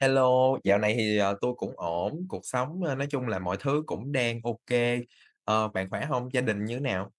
Hello, dạo này thì, tôi cũng ổn, cuộc sống, nói chung là mọi thứ cũng đang ok. Bạn khỏe không? Gia đình như thế nào?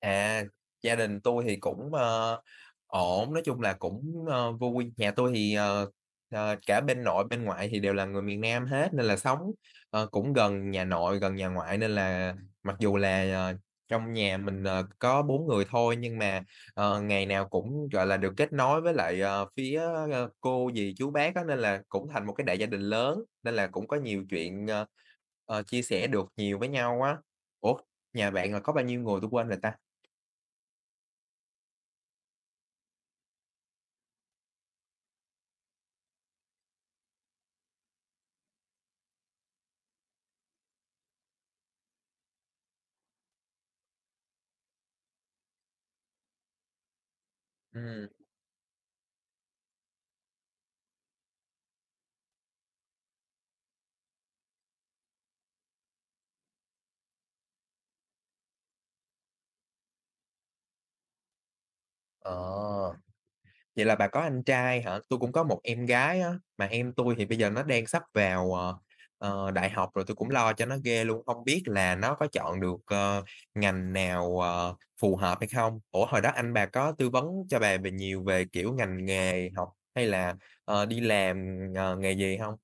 À, gia đình tôi thì cũng, ổn, nói chung là cũng, vui. Nhà tôi thì, cả bên nội bên ngoại thì đều là người miền Nam hết nên là sống, cũng gần nhà nội, gần nhà ngoại nên là mặc dù là, trong nhà mình, có 4 người thôi nhưng mà, ngày nào cũng, gọi là, được kết nối với lại, phía, cô dì chú bác á, nên là cũng thành một cái đại gia đình lớn, nên là cũng có nhiều chuyện, chia sẻ được nhiều với nhau á. Ủa, nhà bạn là có bao nhiêu người tôi quên rồi ta? Ừm, ờ, vậy là bà có anh trai hả? Tôi cũng có một em gái á, mà em tôi thì bây giờ nó đang sắp vào, đại học rồi, tôi cũng lo cho nó ghê luôn, không biết là nó có chọn được, ngành nào, phù hợp hay không? Ủa, hồi đó anh bà có tư vấn cho bà về nhiều về, kiểu, ngành nghề học hay là, đi làm, nghề gì không?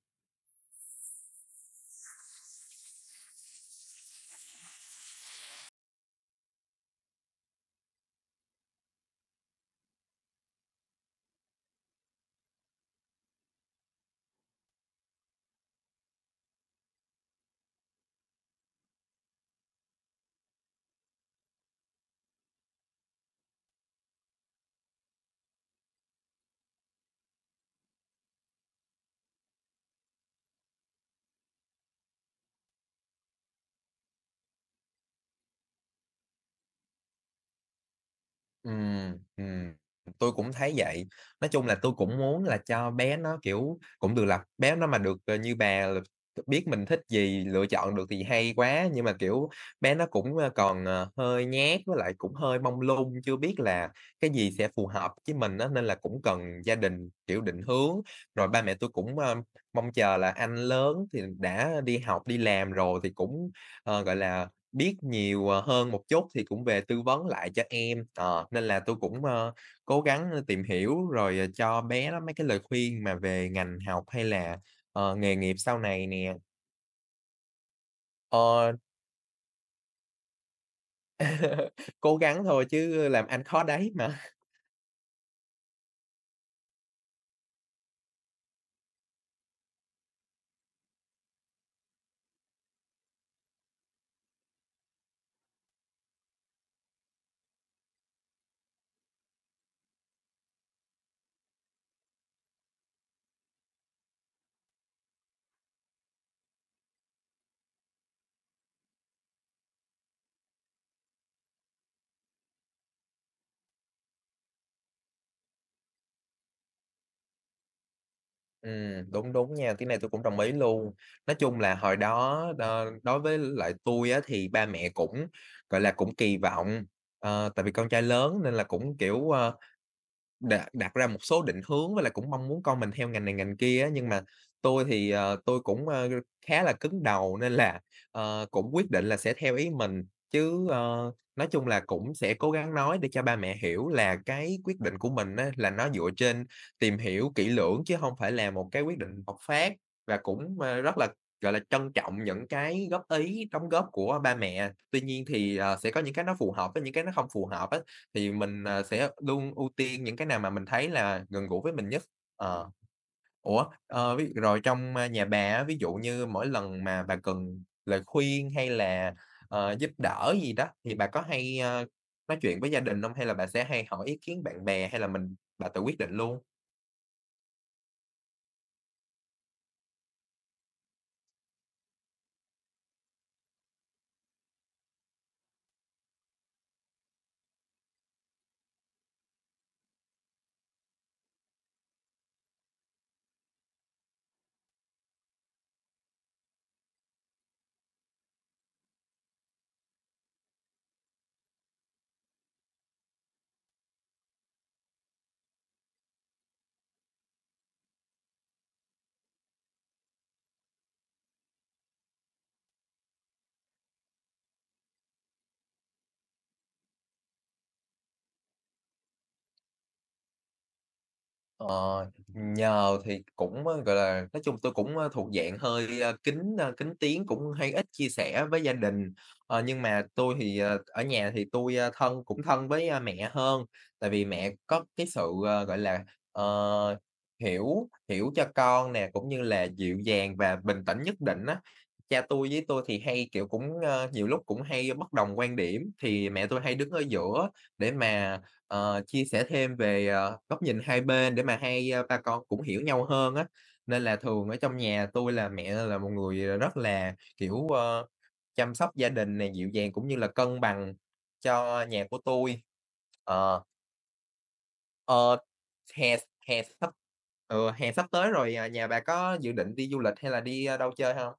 Ừm, ừm, tôi cũng thấy vậy. Nói chung là tôi cũng muốn là cho bé nó, kiểu, cũng được là bé nó mà được, như bà là biết mình thích gì, lựa chọn được thì hay quá, nhưng mà, kiểu, bé nó cũng, còn, hơi nhát với lại cũng hơi mông lung, chưa biết là cái gì sẽ phù hợp với mình á, nên là cũng cần gia đình, kiểu, định hướng. Rồi ba mẹ tôi cũng, mong chờ là anh lớn thì đã đi học, đi làm rồi thì cũng, gọi là, biết nhiều, hơn một chút thì cũng về tư vấn lại cho em, nên là tôi cũng, cố gắng, tìm hiểu rồi, cho bé đó mấy cái lời khuyên mà về ngành học hay là, nghề nghiệp sau này nè. Ờ, cố gắng thôi chứ làm anh khó đấy mà. Đúng, đúng nha, cái này tôi cũng đồng ý luôn. Nói chung là hồi đó đối với lại tôi á thì ba mẹ cũng, gọi là, cũng kỳ vọng, tại vì con trai lớn nên là cũng, kiểu, ờ Đặt đặt ra một số định hướng với lại cũng mong muốn con mình theo ngành này ngành kia á, nhưng mà tôi cũng, khá là cứng đầu nên là, cũng quyết định là sẽ theo ý mình. Chứ, nói chung là cũng sẽ cố gắng nói để cho ba mẹ hiểu là cái quyết định của mình á, là nó dựa trên tìm hiểu kỹ lưỡng chứ không phải là một cái quyết định bộc phát và cũng, rất là, gọi là, trân trọng những cái góp ý, đóng góp của ba mẹ. Tuy nhiên thì, sẽ có những cái nó phù hợp với những cái nó không phù hợp á. Thì mình, à, sẽ luôn ưu tiên những cái nào mà mình thấy là gần gũi với mình nhất. Ờ, ủa, ví rồi trong, nhà bà á, ví dụ như mỗi lần mà bà cần lời khuyên hay là, giúp đỡ gì đó thì bà có hay, nói chuyện với gia đình không? Hay là bà sẽ hay hỏi ý kiến bạn bè hay là mình bà tự quyết định luôn? Ờ, nhờ thì cũng, gọi là, nói chung tôi cũng, thuộc dạng hơi, kín tiếng, cũng hay ít chia sẻ với gia đình. Nhưng mà tôi thì, ở nhà thì tôi thân cũng thân với, mẹ hơn, tại vì mẹ có cái sự, gọi là, ờ, hiểu hiểu cho con nè, cũng như là dịu dàng và bình tĩnh nhất định á. Cha tôi với tôi thì hay, kiểu, cũng, nhiều lúc cũng hay bất đồng quan điểm, thì mẹ tôi hay đứng ở giữa để mà chia sẻ thêm về, góc nhìn hai bên để mà hai, ba con cũng hiểu nhau hơn á. Nên là thường ở trong nhà tôi là mẹ là một người, rất là, kiểu, chăm sóc gia đình này dịu dàng cũng như là cân bằng cho nhà của tôi. Ờ, ờ, hè hè sắp ừ, hè sắp tới rồi, à, nhà bà có dự định đi du lịch hay là đi, đâu chơi không?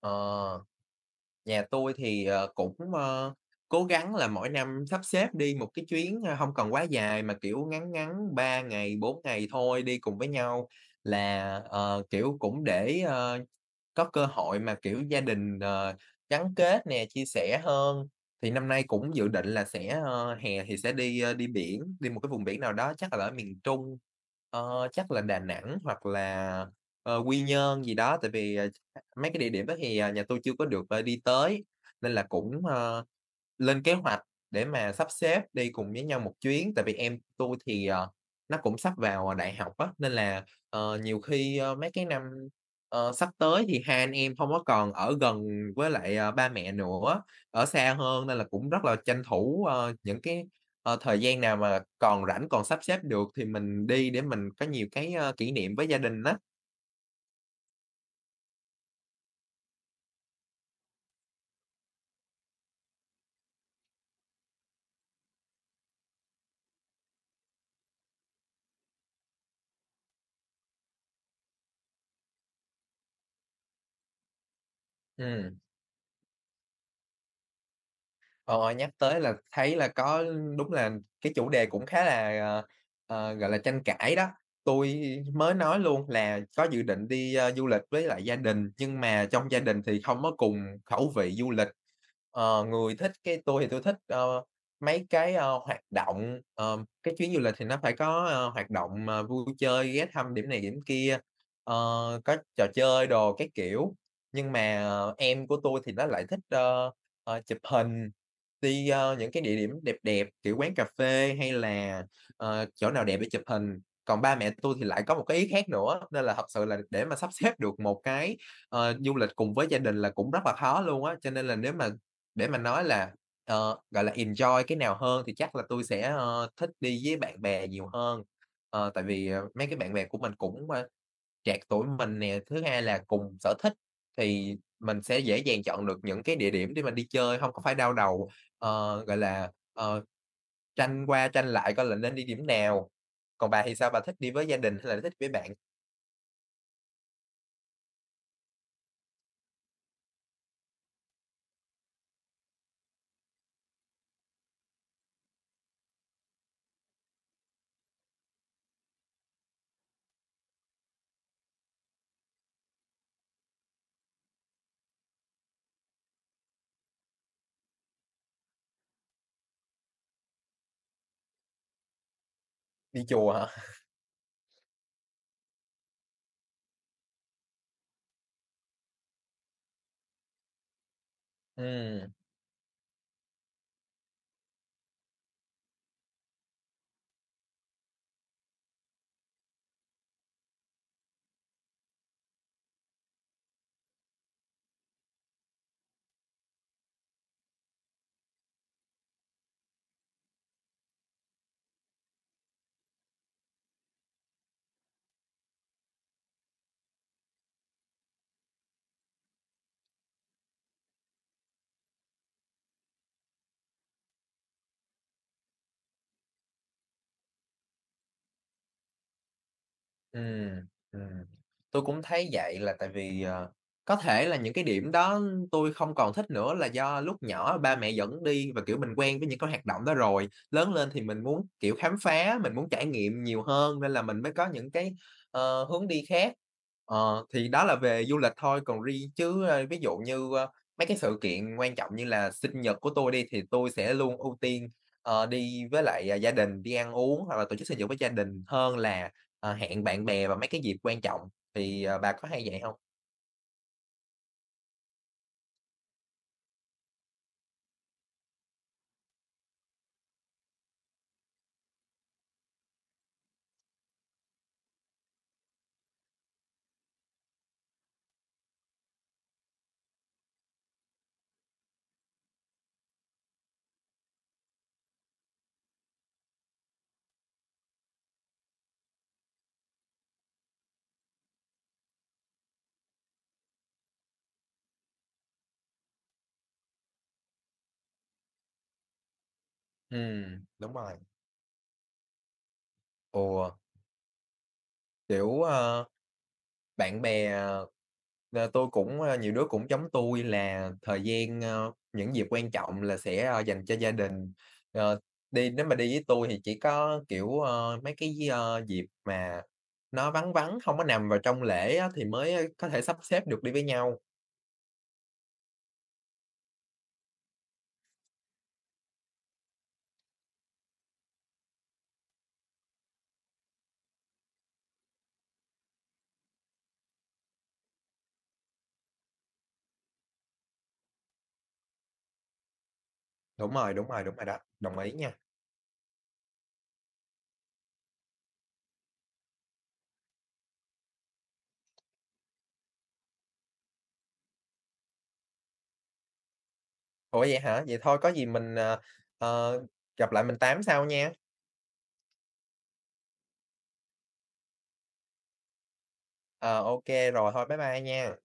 Ờ. Nhà tôi thì, cũng, cố gắng là mỗi năm sắp xếp đi một cái chuyến, hông cần quá dài mà, kiểu, ngắn ngắn 3 ngày, 4 ngày thôi, đi cùng với nhau là, kiểu, cũng để, có cơ hội mà, kiểu, gia đình, gắn kết nè, chia sẻ hơn. Thì năm nay cũng dự định là sẽ, hè thì sẽ đi biển, đi một cái vùng biển nào đó chắc là ở miền Trung, chắc là Đà Nẵng hoặc là, Quy Nhơn gì đó. Tại vì, mấy cái địa điểm đó thì, à, nhà tôi chưa có được, đi tới, nên là cũng, lên kế hoạch để mà sắp xếp đi cùng với nhau một chuyến. Tại vì em tôi thì, nó cũng sắp vào, à, đại học á, nên là nhiều khi, mấy cái năm, sắp tới thì hai anh em không có còn ở gần với lại, ba mẹ nữa, ở xa hơn nên là cũng rất là tranh thủ, những cái, thời gian nào mà còn rảnh, còn sắp xếp được thì mình đi để mình có nhiều cái, kỷ niệm với gia đình đó. Ừm. Ờ, Nhắc tới là thấy là có đúng là cái chủ đề cũng khá là, gọi là, tranh cãi đó. Tôi mới nói luôn là có dự định đi, du lịch với lại gia đình, nhưng mà trong gia đình thì không có cùng khẩu vị du lịch. Người thích cái tôi thì tôi thích, mấy cái, hoạt động, cái chuyến du lịch thì nó phải có, hoạt động, vui chơi, ghé thăm điểm này điểm kia, ờ, có trò chơi đồ các kiểu. Nhưng mà em của tôi thì nó lại thích, chụp hình, đi, những cái địa điểm đẹp đẹp, kiểu quán cà phê hay là, chỗ nào đẹp để chụp hình. Còn ba mẹ tôi thì lại có một cái ý khác nữa, nên là thật sự là để mà sắp xếp được một cái, du lịch cùng với gia đình là cũng rất là khó luôn á. Cho nên là nếu mà để mà nói là, gọi là, enjoy cái nào hơn thì chắc là tôi sẽ, thích đi với bạn bè nhiều hơn. Tại vì, mấy cái bạn bè của mình cũng, trạc tuổi mình nè, thứ hai là cùng sở thích thì mình sẽ dễ dàng chọn được những cái địa điểm để mà đi chơi, không có phải đau đầu, gọi là, tranh qua tranh lại coi là nên đi điểm nào. Còn bà thì sao, bà thích đi với gia đình hay là thích với bạn? Đi chùa hả? Ừm. Ừm, ừm. Tôi cũng thấy vậy là tại vì, có thể là những cái điểm đó tôi không còn thích nữa là do lúc nhỏ ba mẹ dẫn đi và, kiểu, mình quen với những cái hoạt động đó rồi. Lớn lên thì mình muốn, kiểu, khám phá, mình muốn trải nghiệm nhiều hơn nên là mình mới có những cái, hướng đi khác. Thì đó là về du lịch thôi, còn riêng chứ, ví dụ như, mấy cái sự kiện quan trọng như là sinh nhật của tôi đi thì tôi sẽ luôn ưu tiên, đi với lại, à, gia đình, đi ăn uống hoặc là tổ chức sinh nhật với gia đình hơn là hẹn bạn bè vào mấy cái dịp quan trọng thì, bà có hay vậy hông? Đúng rồi. Ồ, kiểu, bạn bè, tôi cũng, nhiều đứa cũng giống tui là thời gian, những dịp quan trọng là sẽ, dành cho gia đình. Ờ, Đi nếu mà đi với tui thì chỉ có, kiểu, mấy cái dịp mà nó vắng vắng, hông có nằm vào trong lễ á thì mới có thể sắp xếp được đi với nhau. Đúng rồi, đúng rồi, đúng rồi đó, đồng ý nha. Ủa, vậy hả? Vậy thôi có gì mình, ờ, gặp lại mình tám sau nha. Ờ, ô Rồi thôi bye bye nha.